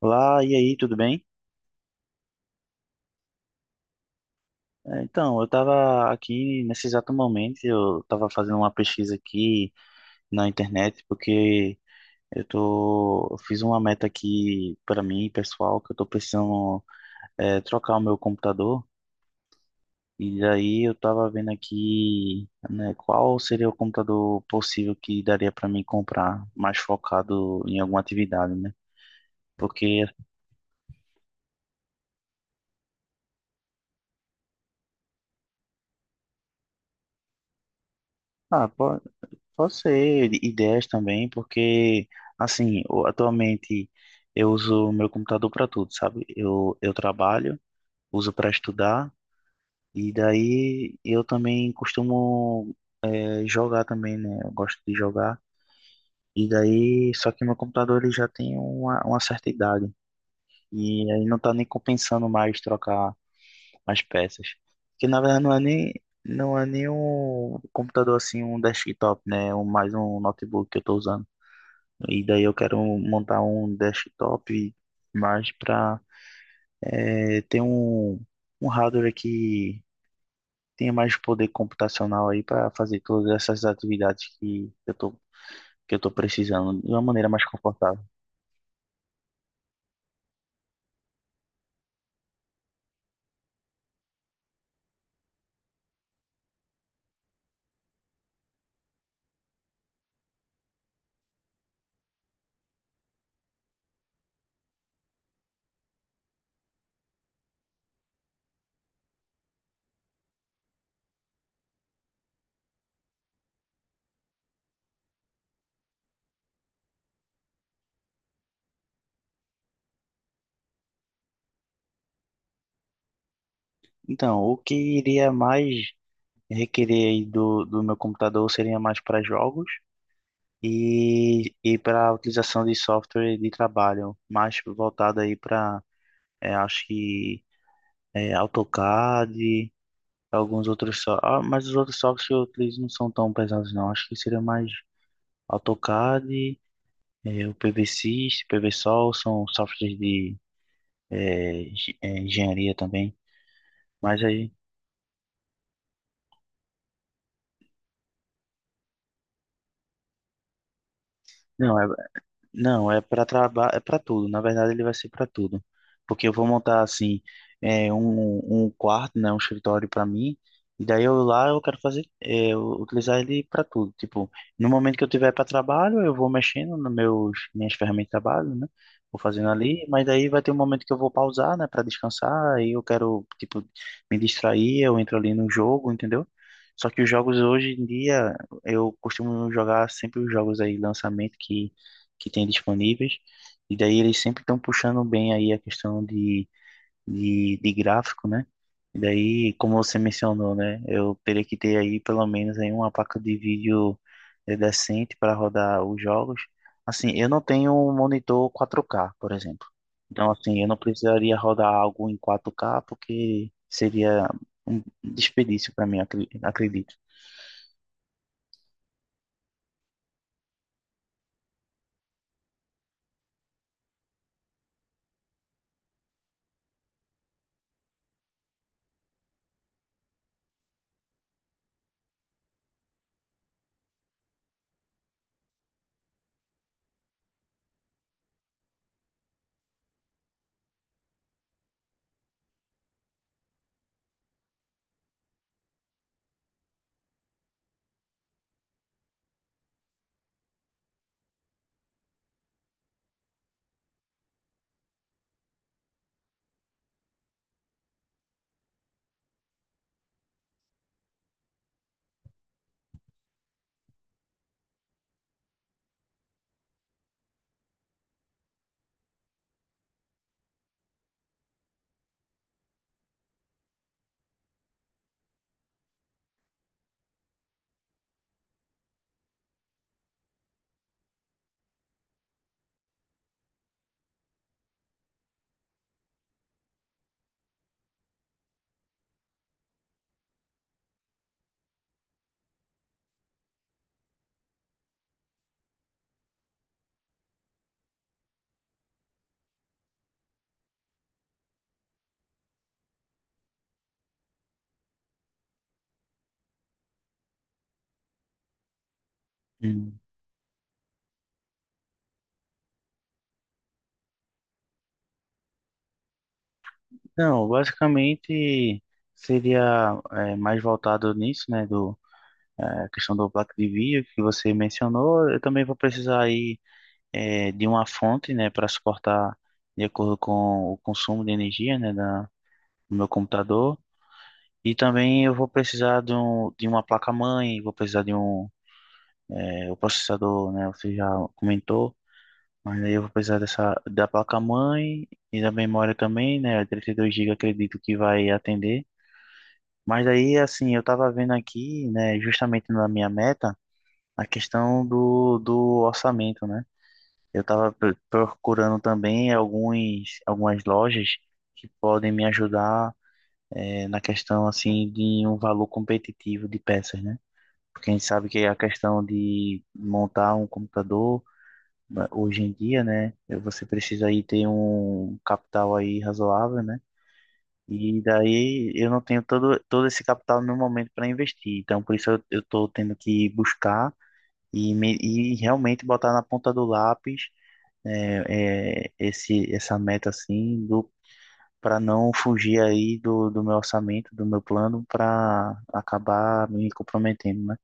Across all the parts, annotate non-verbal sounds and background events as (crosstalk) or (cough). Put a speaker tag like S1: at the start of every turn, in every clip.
S1: Olá, e aí, tudo bem? Então, eu estava aqui nesse exato momento, eu estava fazendo uma pesquisa aqui na internet, porque eu fiz uma meta aqui para mim, pessoal, que eu estou precisando trocar o meu computador, e daí eu estava vendo aqui, né, qual seria o computador possível que daria para mim comprar, mais focado em alguma atividade, né? Porque, ah, pô, pode ser ideias também, porque, assim, atualmente eu uso o meu computador para tudo, sabe? Eu trabalho, uso para estudar, e daí eu também costumo jogar também, né? Eu gosto de jogar. E daí, só que meu computador ele já tem uma certa idade, e aí não tá nem compensando mais trocar as peças. Porque, na verdade, não é nem um computador assim, um desktop, né? É um, mais um notebook que eu tô usando. E daí eu quero montar um desktop mais para ter um, um hardware que tenha mais poder computacional aí para fazer todas essas atividades que que eu tô precisando de uma maneira mais confortável. Então, o que iria mais requerer aí do meu computador seria mais para jogos e para a utilização de software de trabalho, mais voltado aí para, acho que, é, AutoCAD alguns outros só. Ah, mas os outros softwares que eu utilizo não são tão pesados, não. Acho que seria mais AutoCAD, o PVSys, PVSol, são softwares de engenharia também. Mas aí, não, é, não, é para trabalho, é para tudo. Na verdade, ele vai ser para tudo, porque eu vou montar assim um, um quarto, né, um escritório para mim. E daí eu lá eu quero fazer, é, eu utilizar ele para tudo. Tipo, no momento que eu tiver para trabalho, eu vou mexendo nos meus minhas ferramentas de trabalho, né? Vou fazendo ali, mas daí vai ter um momento que eu vou pausar, né, para descansar. Aí eu quero tipo me distrair, eu entro ali no jogo, entendeu? Só que os jogos hoje em dia eu costumo jogar sempre os jogos aí lançamento que tem disponíveis. E daí eles sempre estão puxando bem aí a questão de gráfico, né? E daí, como você mencionou, né? Eu teria que ter aí pelo menos aí uma placa de vídeo decente para rodar os jogos. Assim, eu não tenho um monitor 4K, por exemplo. Então, assim, eu não precisaria rodar algo em 4K porque seria um desperdício para mim, acredito. Hum. Não, basicamente seria é, mais voltado nisso, né, do é, questão do placa de vídeo que você mencionou. Eu também vou precisar aí é, de uma fonte, né, para suportar de acordo com o consumo de energia, né, da, do meu computador. E também eu vou precisar de, um, de uma placa-mãe, vou precisar de um é, o processador, né, você já comentou. Mas aí eu vou precisar dessa da placa-mãe e da memória também, né, 32 GB acredito que vai atender. Mas daí, assim, eu tava vendo aqui, né, justamente na minha meta, a questão do orçamento, né? Eu tava procurando também algumas lojas que podem me ajudar, na questão, assim, de um valor competitivo de peças, né? Porque a gente sabe que a questão de montar um computador, né, hoje em dia, né, você precisa aí ter um capital aí razoável, né? E daí eu não tenho todo esse capital no momento para investir. Então, por isso eu tô tendo que buscar e realmente botar na ponta do lápis essa meta assim, do, para não fugir aí do meu orçamento, do meu plano, para acabar me comprometendo, né?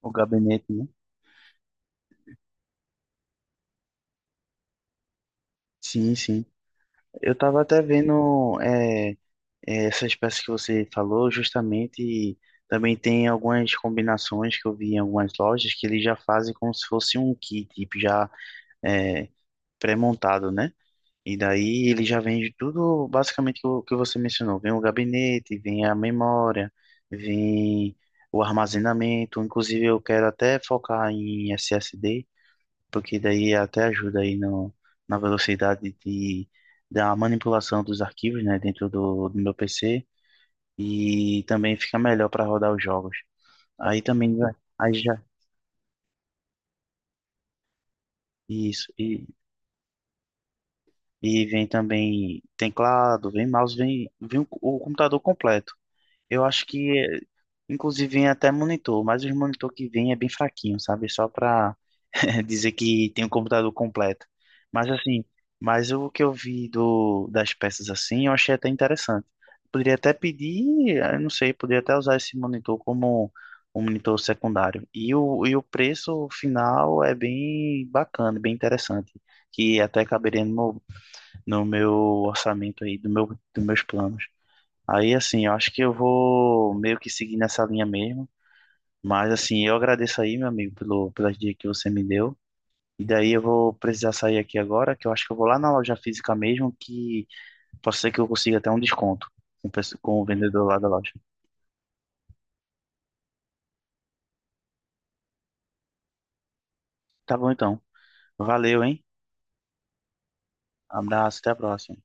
S1: O gabinete, né? Sim, sim. Eu tava até vendo essa espécie que você falou, justamente, também tem algumas combinações que eu vi em algumas lojas que eles já fazem como se fosse um kit, tipo, já é, pré-montado, né? E daí ele já vende tudo, basicamente, o que você mencionou. Vem o gabinete, vem a memória, vem o armazenamento. Inclusive, eu quero até focar em SSD, porque daí até ajuda aí no, na velocidade de, da manipulação dos arquivos, né, dentro do, do meu PC e também fica melhor para rodar os jogos. Aí também vai, aí já isso e vem também teclado, vem mouse, vem, vem o computador completo. Eu acho que, eh, inclusive, vem até monitor, mas os monitor que vem é bem fraquinho, sabe? Só para (laughs) dizer que tem um computador completo. Mas assim, mas o que eu vi do, das peças assim, eu achei até interessante. Poderia até pedir, eh, eu não sei, poderia até usar esse monitor como um monitor secundário. E o preço final é bem bacana, bem interessante, que até caberia no meu, no meu orçamento aí, do meu, dos meus planos. Aí, assim, eu acho que eu vou meio que seguir nessa linha mesmo. Mas, assim, eu agradeço aí, meu amigo, pelo, pelas dicas que você me deu. E daí eu vou precisar sair aqui agora, que eu acho que eu vou lá na loja física mesmo, que pode ser que eu consiga até um desconto com o com o vendedor lá da loja. Tá bom, então. Valeu, hein? Abraço, até a próxima.